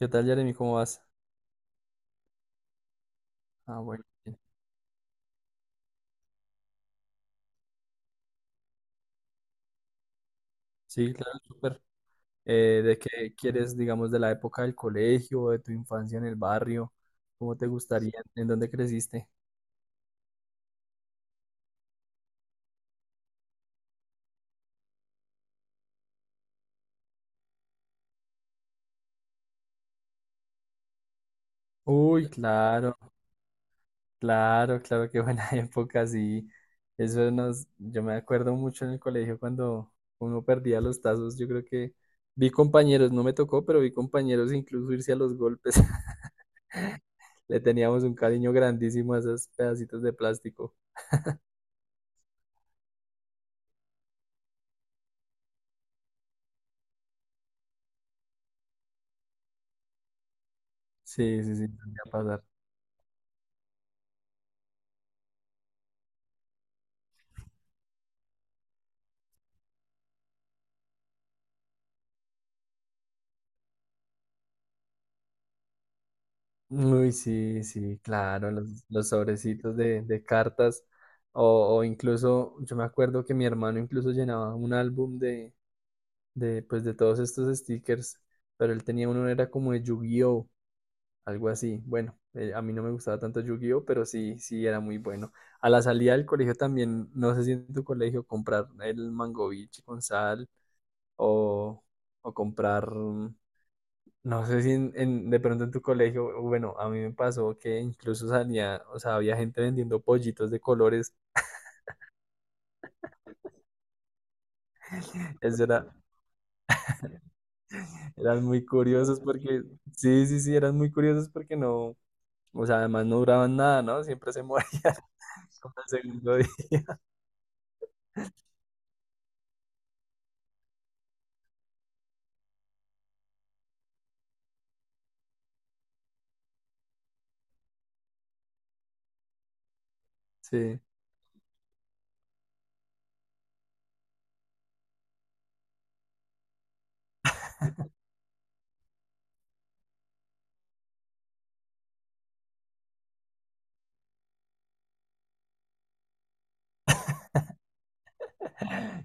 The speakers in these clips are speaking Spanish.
¿Qué tal, Jeremy? ¿Cómo vas? Ah, bueno, bien. Sí, claro, súper. ¿De qué quieres, digamos, de la época del colegio, de tu infancia en el barrio? ¿Cómo te gustaría? ¿En dónde creciste? Uy, claro, claro, claro, qué buena época, sí. Eso nos, yo me acuerdo mucho en el colegio cuando uno perdía los tazos. Yo creo que vi compañeros, no me tocó, pero vi compañeros incluso irse a los golpes. Le teníamos un cariño grandísimo a esos pedacitos de plástico. Sí, sí, sí, me va a pasar. Uy, sí, sí, claro, los sobrecitos de cartas o incluso, yo me acuerdo que mi hermano incluso llenaba un álbum de, pues, de todos estos stickers, pero él tenía uno, era como de Yu-Gi-Oh, algo así. Bueno, a mí no me gustaba tanto Yu-Gi-Oh, pero sí, sí, era muy bueno. A la salida del colegio también, no sé si en tu colegio comprar el Mangovich con sal o, o comprar no sé si de pronto en tu colegio, o bueno, a mí me pasó que incluso salía, o sea, había gente vendiendo pollitos de colores. Eso era, eran muy curiosos porque, sí, sí, sí, eran muy curiosos porque no, o sea, además no duraban nada, ¿no? Siempre se morían como el segundo día. Sí,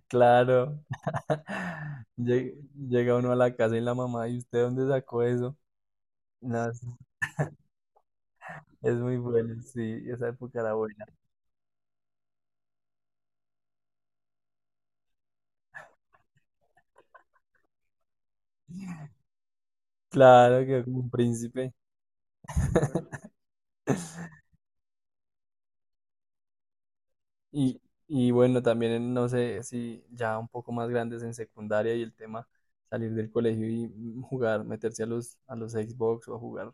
claro. Llega, llega uno a la casa y la mamá, ¿y usted dónde sacó eso? No, es muy bueno, sí, esa época era buena. Claro, que como un príncipe. Y, y bueno, también en, no sé si ya un poco más grandes en secundaria y el tema salir del colegio y jugar, meterse a los Xbox o a jugar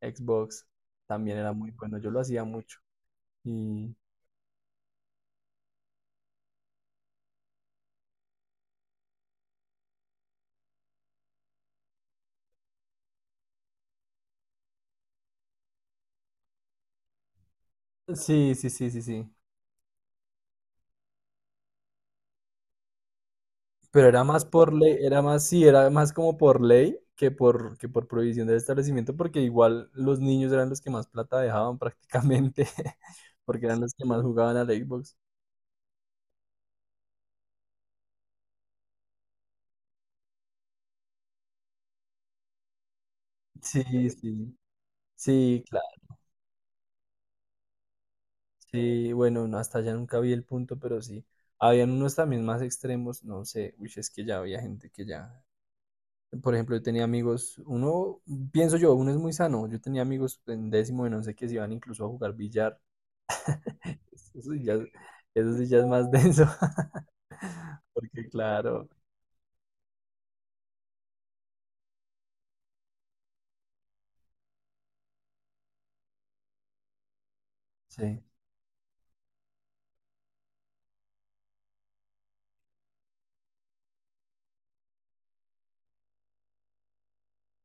Xbox, también era muy bueno. Yo lo hacía mucho. Y sí, sí, sí, sí, sí. Pero era más por ley, era más, sí, era más como por ley que por prohibición del establecimiento, porque igual los niños eran los que más plata dejaban prácticamente, porque eran los que más jugaban al Xbox. Sí, sí, sí, claro. Sí, bueno, no, hasta allá nunca vi el punto, pero sí. Habían unos también más extremos, no sé, uy, es que ya había gente que ya, por ejemplo, yo tenía amigos, uno, pienso yo, uno es muy sano, yo tenía amigos en décimo de no sé qué, se iban incluso a jugar billar, eso sí ya, eso sí ya es más denso, porque claro, sí,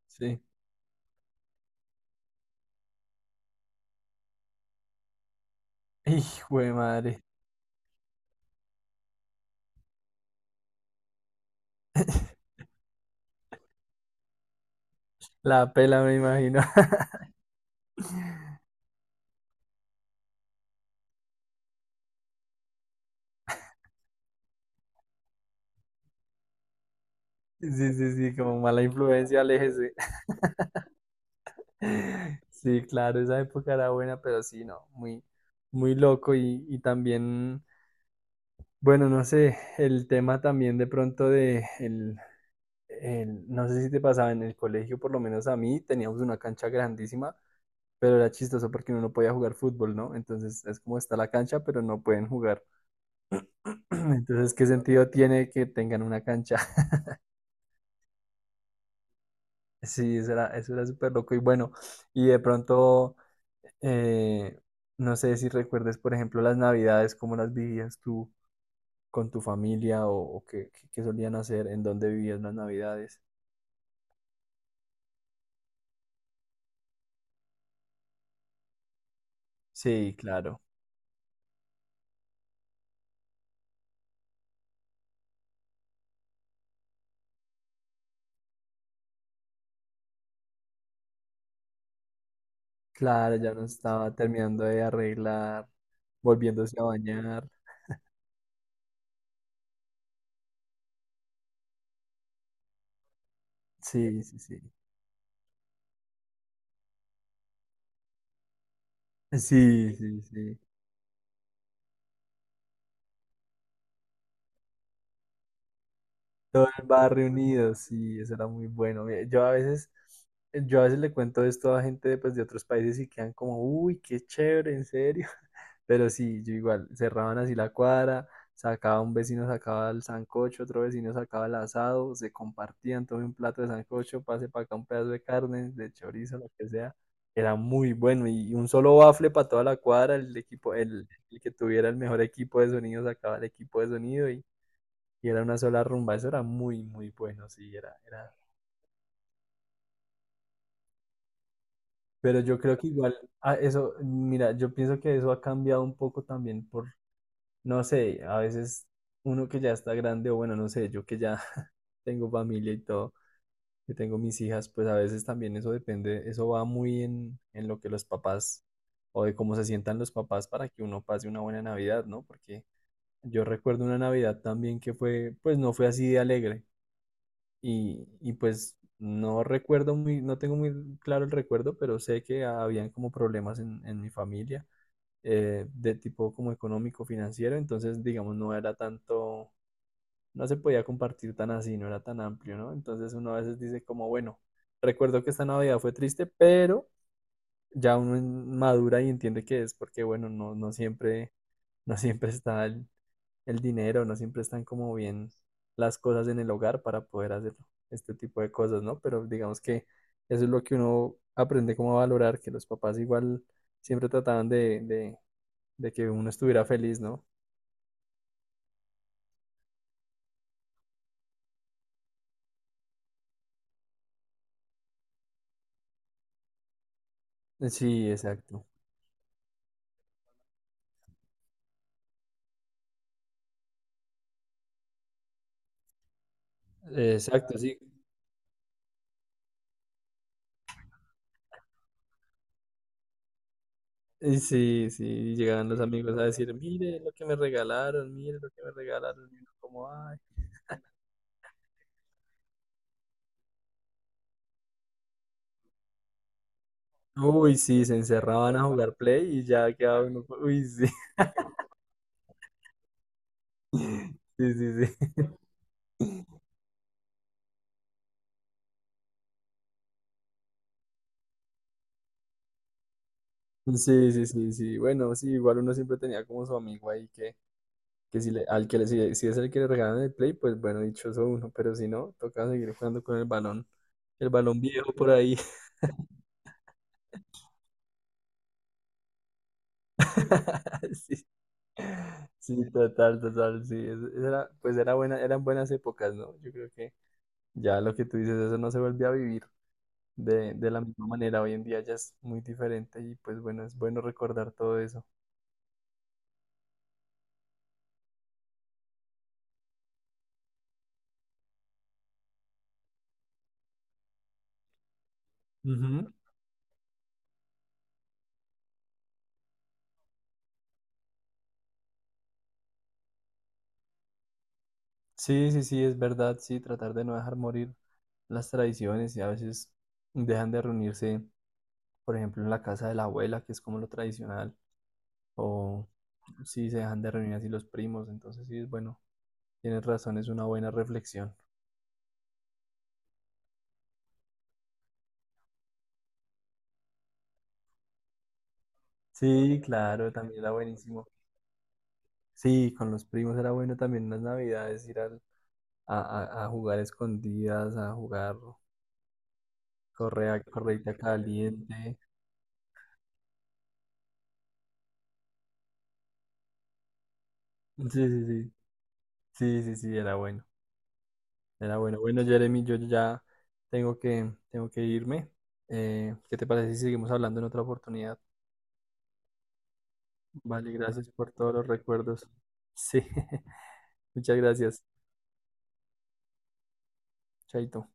sí, hijo de madre, la pela me imagino, sí, sí, sí, como mala influencia, aléjese. Sí, claro, esa época era buena, pero sí, no, muy, muy loco y también, bueno, no sé, el tema también de pronto de el, no sé si te pasaba en el colegio, por lo menos a mí, teníamos una cancha grandísima, pero era chistoso porque uno no podía jugar fútbol, ¿no? Entonces es como está la cancha, pero no pueden jugar. Entonces, ¿qué sentido tiene que tengan una cancha? Sí, eso era súper loco. Y bueno, y de pronto, eh, no sé si recuerdes, por ejemplo, las navidades, cómo las vivías tú con tu familia o qué, qué solían hacer, en dónde vivías las navidades. Sí, claro. Claro, ya no estaba terminando de arreglar, volviéndose a bañar. Sí, sí, sí. Sí, sí, sí. Todo el barrio unido, sí, eso era muy bueno. Mira, yo a veces, yo a veces le cuento esto a gente pues, de otros países y quedan como, uy, qué chévere, en serio. Pero sí, yo igual, cerraban así la cuadra, sacaba un vecino, sacaba el sancocho, otro vecino sacaba el asado, se compartían, todo un plato de sancocho, pase para acá un pedazo de carne, de chorizo, lo que sea. Era muy bueno y un solo bafle para toda la cuadra, el equipo, el que tuviera el mejor equipo de sonido sacaba el equipo de sonido y era una sola rumba. Eso era muy, muy bueno, sí, era, era. Pero yo creo que igual, ah, eso, mira, yo pienso que eso ha cambiado un poco también por, no sé, a veces uno que ya está grande o bueno, no sé, yo que ya tengo familia y todo, que tengo mis hijas, pues a veces también eso depende, eso va muy en lo que los papás o de cómo se sientan los papás para que uno pase una buena Navidad, ¿no? Porque yo recuerdo una Navidad también que fue, pues no fue así de alegre. Y pues no recuerdo muy, no tengo muy claro el recuerdo, pero sé que habían como problemas en mi familia de tipo como económico, financiero, entonces digamos no era tanto, no se podía compartir tan así, no era tan amplio, ¿no? Entonces uno a veces dice como, bueno, recuerdo que esta Navidad fue triste, pero ya uno madura y entiende que es porque, bueno, no, no siempre, no siempre está el dinero, no siempre están como bien las cosas en el hogar para poder hacer este tipo de cosas, ¿no? Pero digamos que eso es lo que uno aprende como a valorar, que los papás igual siempre trataban de que uno estuviera feliz, ¿no? Sí, exacto. Exacto, sí. Y sí, sí, llegaban los amigos a decir, mire lo que me regalaron, mire lo que me regalaron, y uno como, ay. Uy, sí, se encerraban a jugar play y ya quedaba uno, uy, sí, sí, sí, sí. Sí, sí, sí, sí. Bueno, sí, igual uno siempre tenía como su amigo ahí que si le, al que le, si, si es el que le regalan el play, pues bueno, dichoso uno, pero si no, toca seguir jugando con el balón. El balón viejo por ahí. Sí, sí, total, total, sí. Era, pues era buena, eran buenas épocas, ¿no? Yo creo que ya lo que tú dices, eso no se vuelve a vivir de la misma manera. Hoy en día ya es muy diferente y pues bueno, es bueno recordar todo eso. Ujú. Sí, sí, sí, es verdad, sí, tratar de no dejar morir las tradiciones y a veces dejan de reunirse, por ejemplo, en la casa de la abuela, que es como lo tradicional, o si se dejan de reunir así los primos, entonces sí es bueno, tienes razón, es una buena reflexión. Sí, claro, también era buenísimo. Sí, con los primos era bueno también en las navidades ir a, a jugar escondidas, a jugar correa, correita caliente. Sí, sí, sí, sí, sí, sí, era bueno. Era bueno. Bueno, Jeremy, yo ya tengo que irme. ¿Qué te parece si seguimos hablando en otra oportunidad? Vale, gracias por todos los recuerdos. Sí, muchas gracias. Chaito.